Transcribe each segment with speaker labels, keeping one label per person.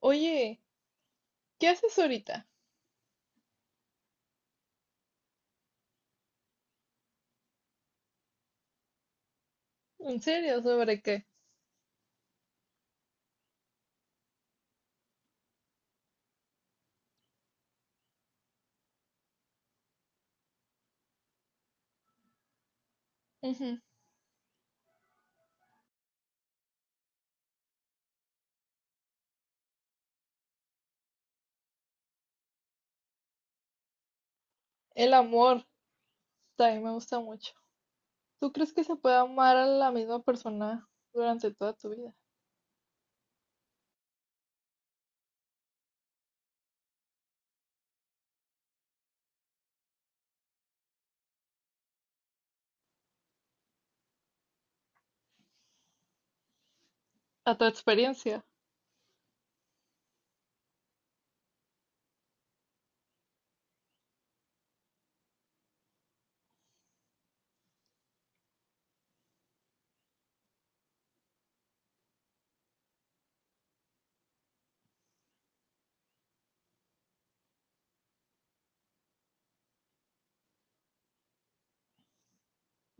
Speaker 1: Oye, ¿qué haces ahorita? ¿En serio? ¿Sobre qué? Ujú. El amor también me gusta mucho. ¿Tú crees que se puede amar a la misma persona durante toda tu vida? A tu experiencia.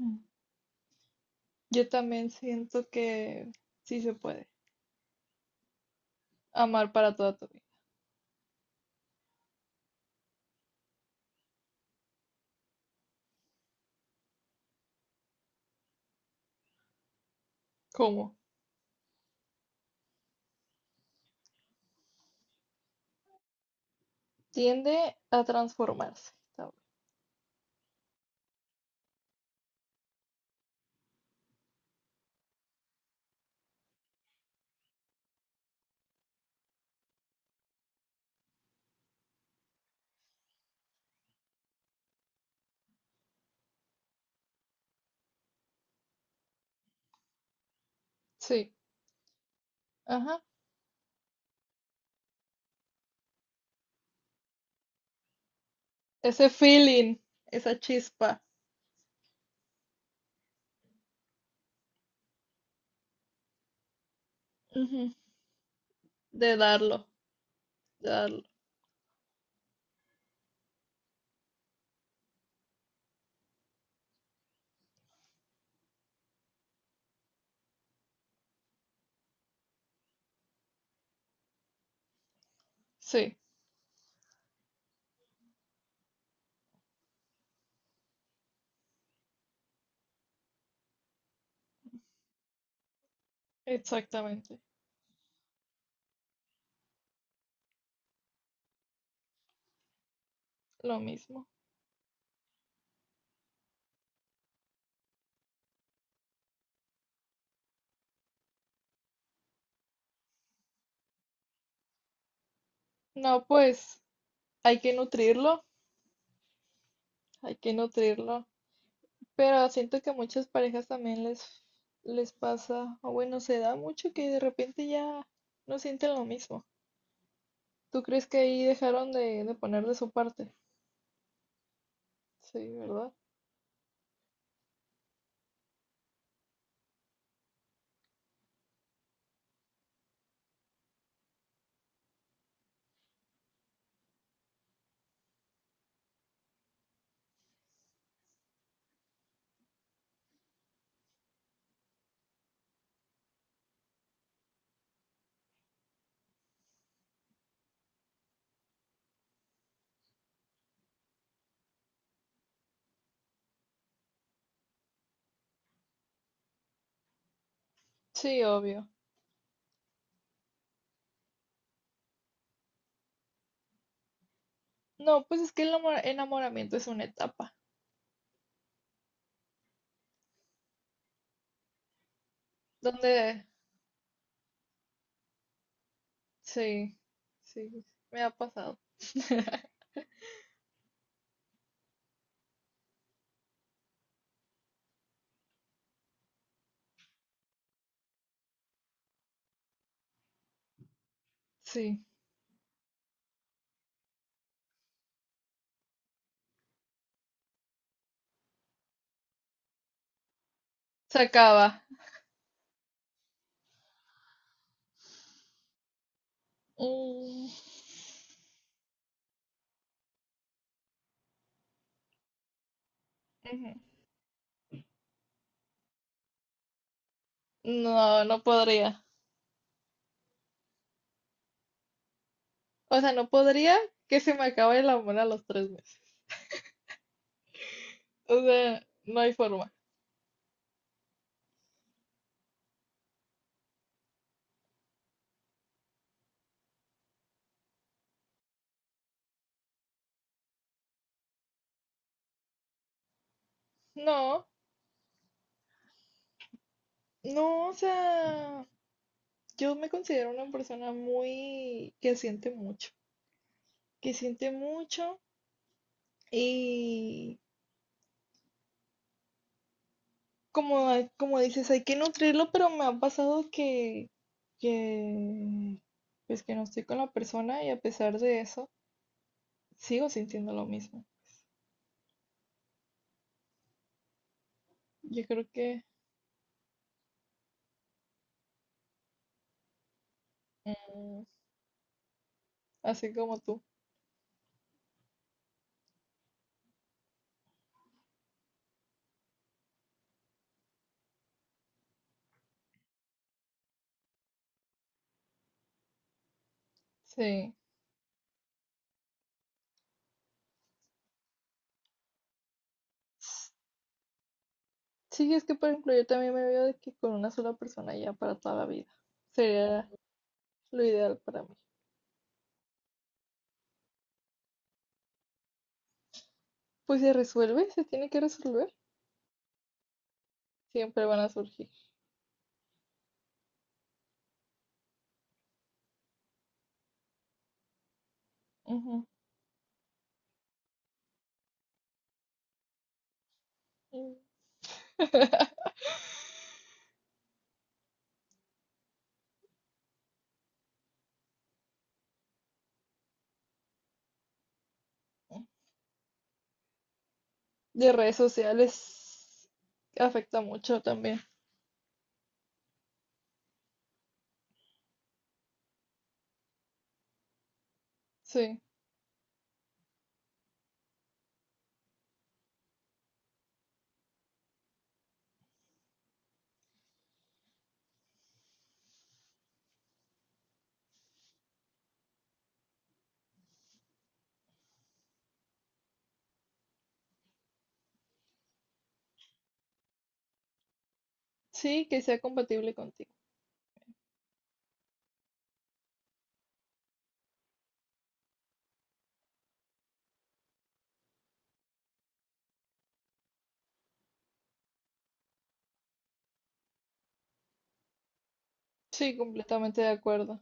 Speaker 1: Mm. Yo también siento que sí se puede amar para toda tu vida. ¿Cómo? Tiende a transformarse tal vez. Sí, ajá. Ese feeling, esa chispa, ujú, de darlo, de darlo. Sí, exactamente. Lo mismo. No, pues hay que nutrirlo, hay que nutrirlo, pero siento que a muchas parejas también les pasa, o bueno, se da mucho que de repente ya no sienten lo mismo. ¿Tú crees que ahí dejaron de poner de su parte? Sí, ¿verdad? Sí, obvio. No, pues es que el enamoramiento es una etapa donde, sí, sí, me ha pasado. Sí, se acaba. Mm, ujú. No, no podría. O sea, no podría que se me acabe el amor a los 3 meses. O sea, no hay forma. No, no, o sea, yo me considero una persona muy que siente mucho y como, como dices, hay que nutrirlo, pero me ha pasado que, pues que no estoy con la persona y a pesar de eso, sigo sintiendo lo mismo. Yo creo que, mm, así como tú, sí. Sí, es que por ejemplo yo también me veo de que con una sola persona ya para toda la vida. Sería lo ideal para mí. Pues se resuelve, se tiene que resolver. Siempre van a surgir. Ujú. De redes sociales afecta mucho también. Sí. Sí, que sea compatible contigo. Sí, completamente de acuerdo.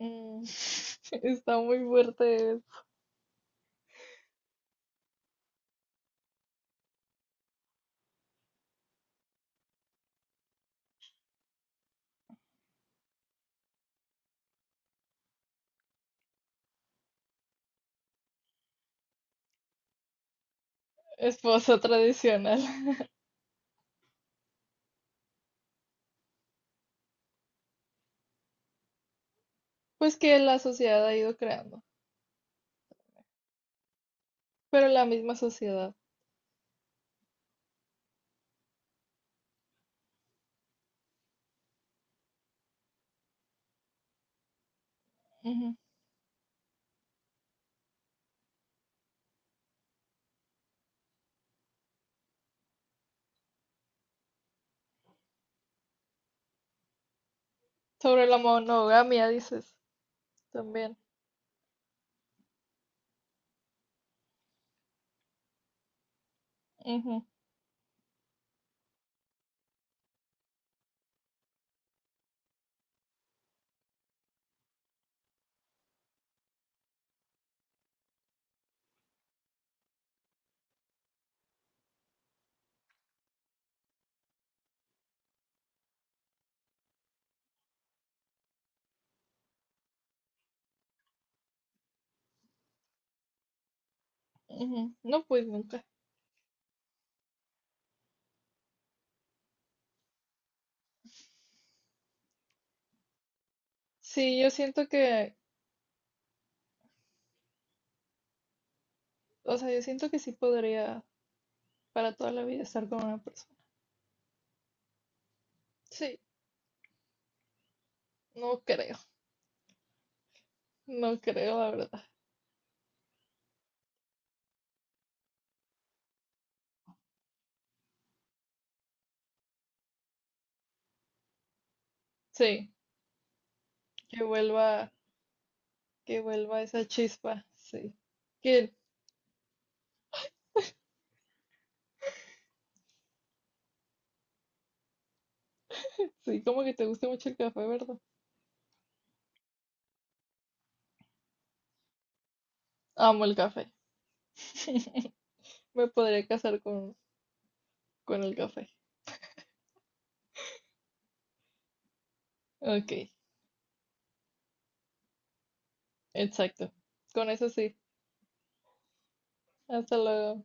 Speaker 1: Mm, está muy fuerte esposa tradicional. Pues que la sociedad ha ido creando, pero la misma sociedad. Ujú. Sobre la monogamia, dices, también. Ujú, ujú. No, pues nunca. Sí, yo siento que, o sea, yo siento que sí podría para toda la vida estar con una persona. Sí, no creo, no creo, la verdad. Sí, que vuelva, que vuelva esa chispa, sí. Que, sí, como que te gusta mucho el café, ¿verdad? Amo el café. Me podría casar con el café. Ok, exacto. Con eso sí. Hasta luego.